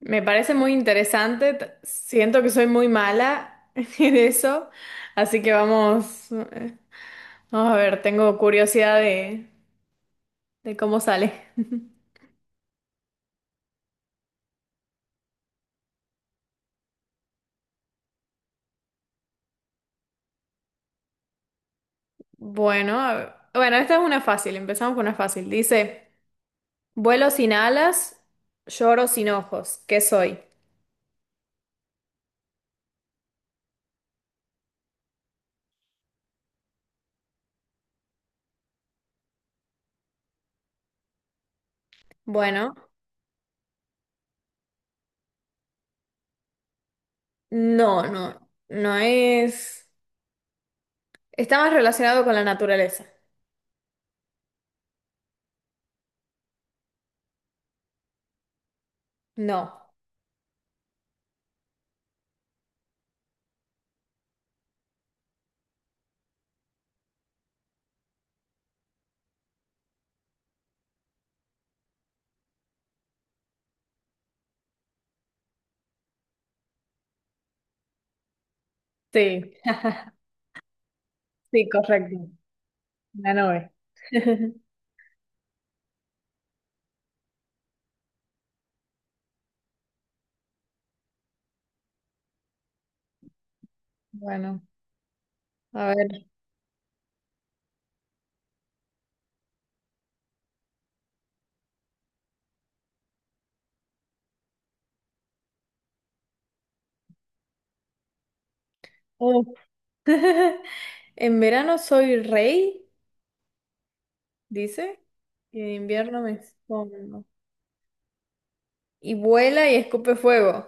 Me parece muy interesante. Siento que soy muy mala en eso, así que vamos, vamos a ver, tengo curiosidad de cómo sale. Bueno, bueno, esta es una fácil, empezamos con una fácil. Dice, vuelo sin alas, lloro sin ojos, ¿qué soy? Bueno, no es... Está más relacionado con la naturaleza. No, sí, sí, correcto. La nube. Bueno, a ver. Oh. En verano soy rey, dice, y en invierno me escondo. Y vuela y escupe fuego.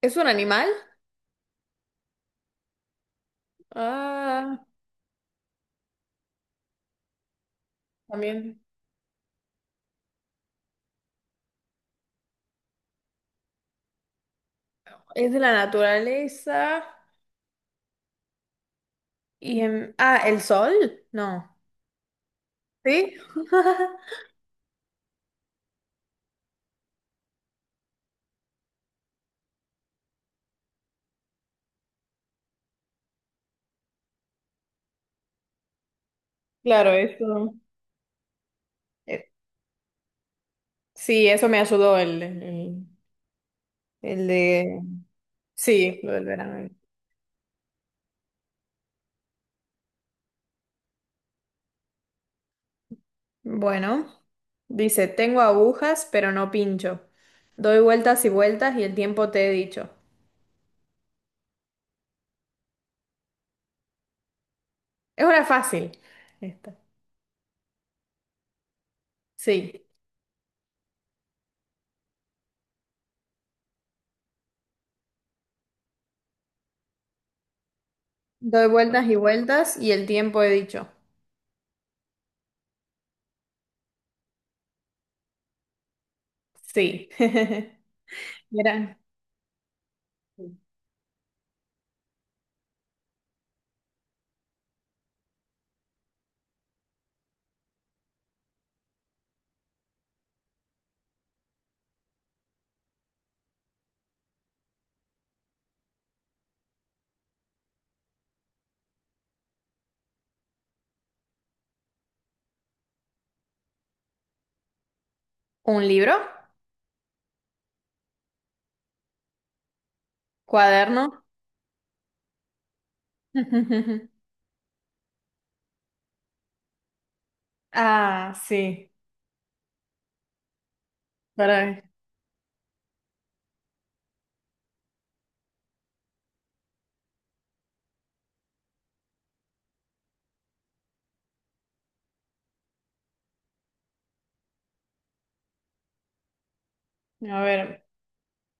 ¿Es un animal? Ah, también. Es de la naturaleza. Y en... Ah, ¿el sol? No. ¿Sí? Claro, eso. eh, Sí, eso me ayudó el de... Sí, lo del verano. Bueno, dice, tengo agujas, pero no pincho. Doy vueltas y vueltas y el tiempo te he dicho. Es una fácil. Esta. Sí. Doy vueltas y vueltas y el tiempo he dicho. Sí. Mira. ¿Un libro? ¿Cuaderno? Ah, sí. Para, a ver,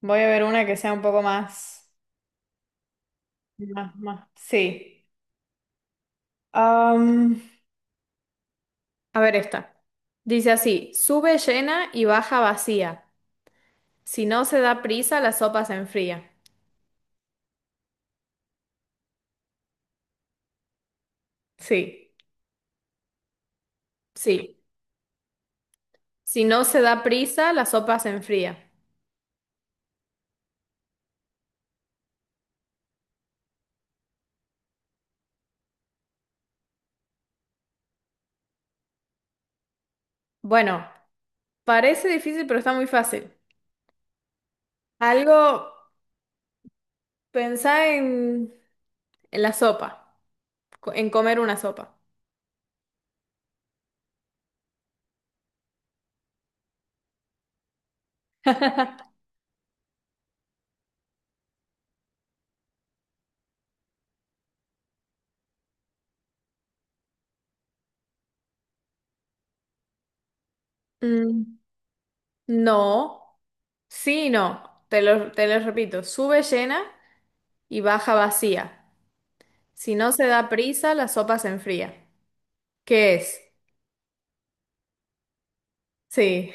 voy a ver una que sea un poco más, más, más. Sí. Am, a ver esta. Dice así, sube llena y baja vacía. Si no se da prisa, la sopa se enfría. Sí, sí. Si no se da prisa, la sopa se enfría. Bueno, parece difícil, pero está muy fácil. Algo, pensá en, en la sopa, en comer una sopa. Mm, No, sí, y no. Te lo repito, sube llena y baja vacía. Si no se da prisa, la sopa se enfría. ¿Qué es? Sí.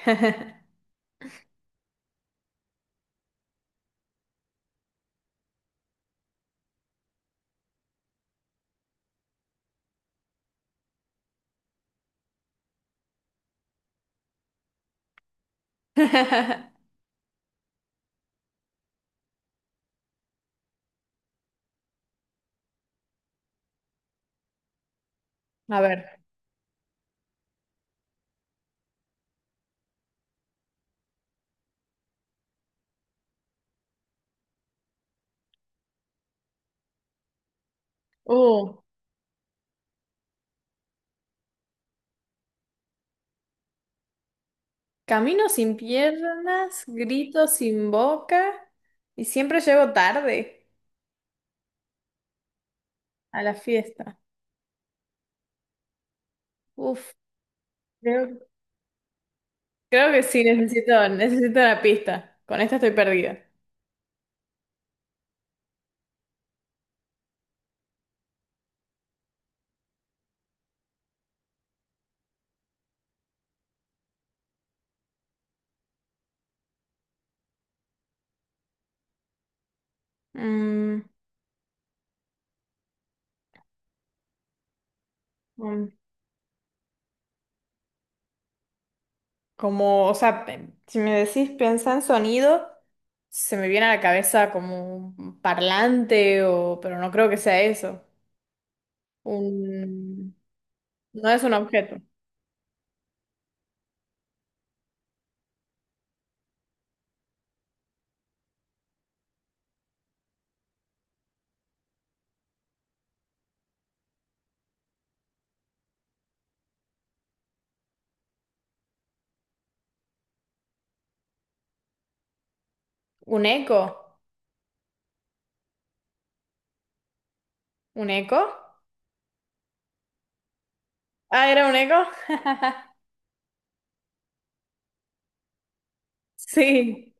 A ver. Uh. Camino sin piernas, grito sin boca y siempre llego tarde a la fiesta. Uf, creo, creo que sí, necesito, necesito una pista. Con esta estoy perdida. Mm, mm, Como, o sea, si me decís piensa en sonido, se me viene a la cabeza como un parlante o, pero no creo que sea eso. Un, no es un objeto. ¿Un eco? ¿Un eco? Ah, era un eco. Sí.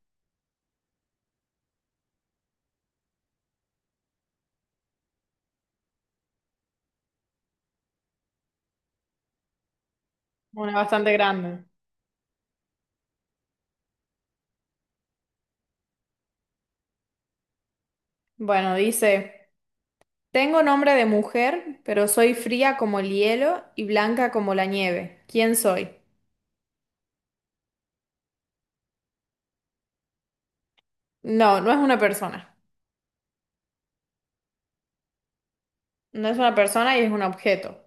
Una bastante grande. Bueno, dice, tengo nombre de mujer, pero soy fría como el hielo y blanca como la nieve. ¿Quién soy? No, no es una persona. No es una persona y es un objeto.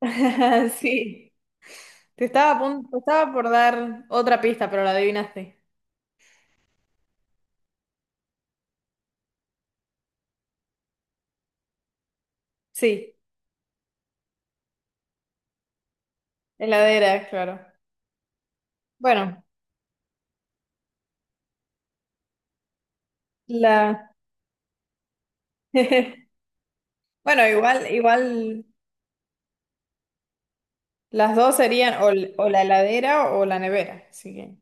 Sí. Te estaba por dar otra pista, pero la adivinaste. Sí, heladera, claro. Bueno, la Bueno, igual, igual las dos serían o la heladera o la nevera, así que,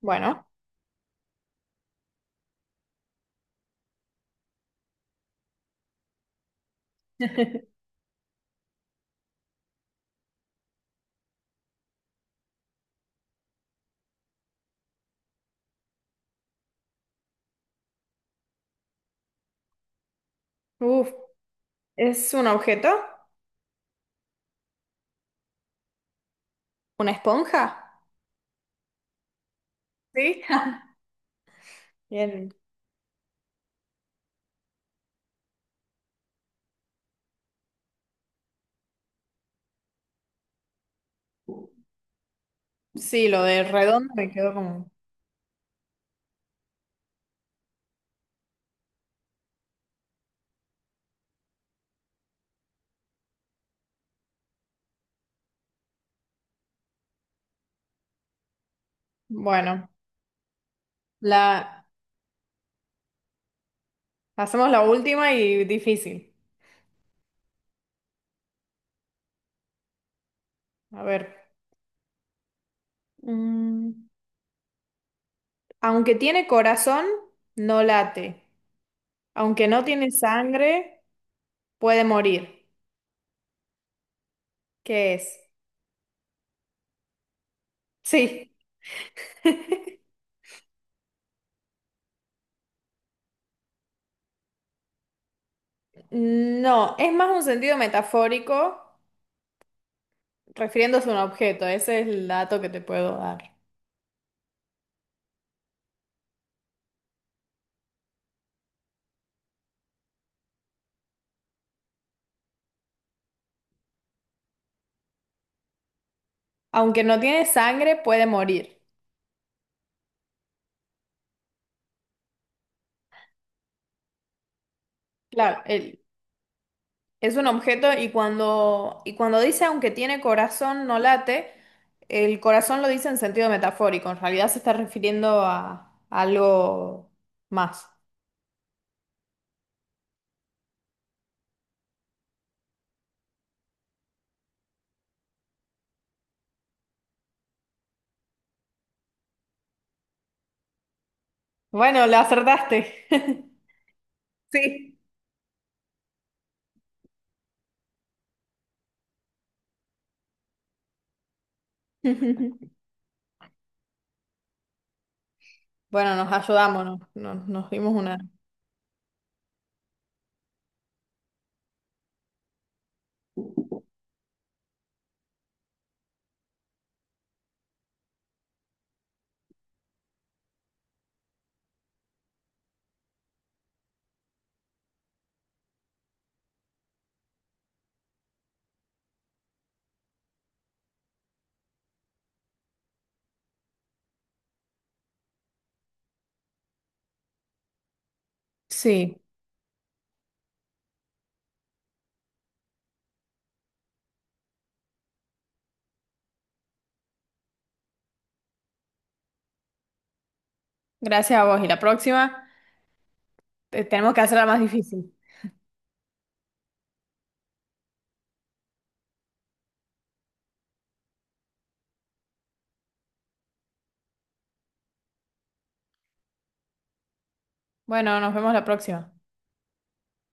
bueno. Uf. ¿Es un objeto? ¿Una esponja? Sí. Bien. Sí, lo de redondo me quedó como. Bueno, la hacemos la última y difícil. A ver. Mm, Aunque tiene corazón, no late. Aunque no tiene sangre, puede morir. ¿Qué es? Sí. No, es más un sentido metafórico refiriéndose a un objeto. Ese es el dato que te puedo dar. Aunque no tiene sangre, puede morir. Claro, el- Es un objeto y y cuando dice aunque tiene corazón no late, el corazón lo dice en sentido metafórico, en realidad se está refiriendo a algo más. Bueno, le acertaste. Sí. Bueno, nos ayudamos, nos, nos- nos dimos una. Sí, gracias a vos. Y la próxima, tenemos que hacerla más difícil. Bueno, nos vemos la próxima.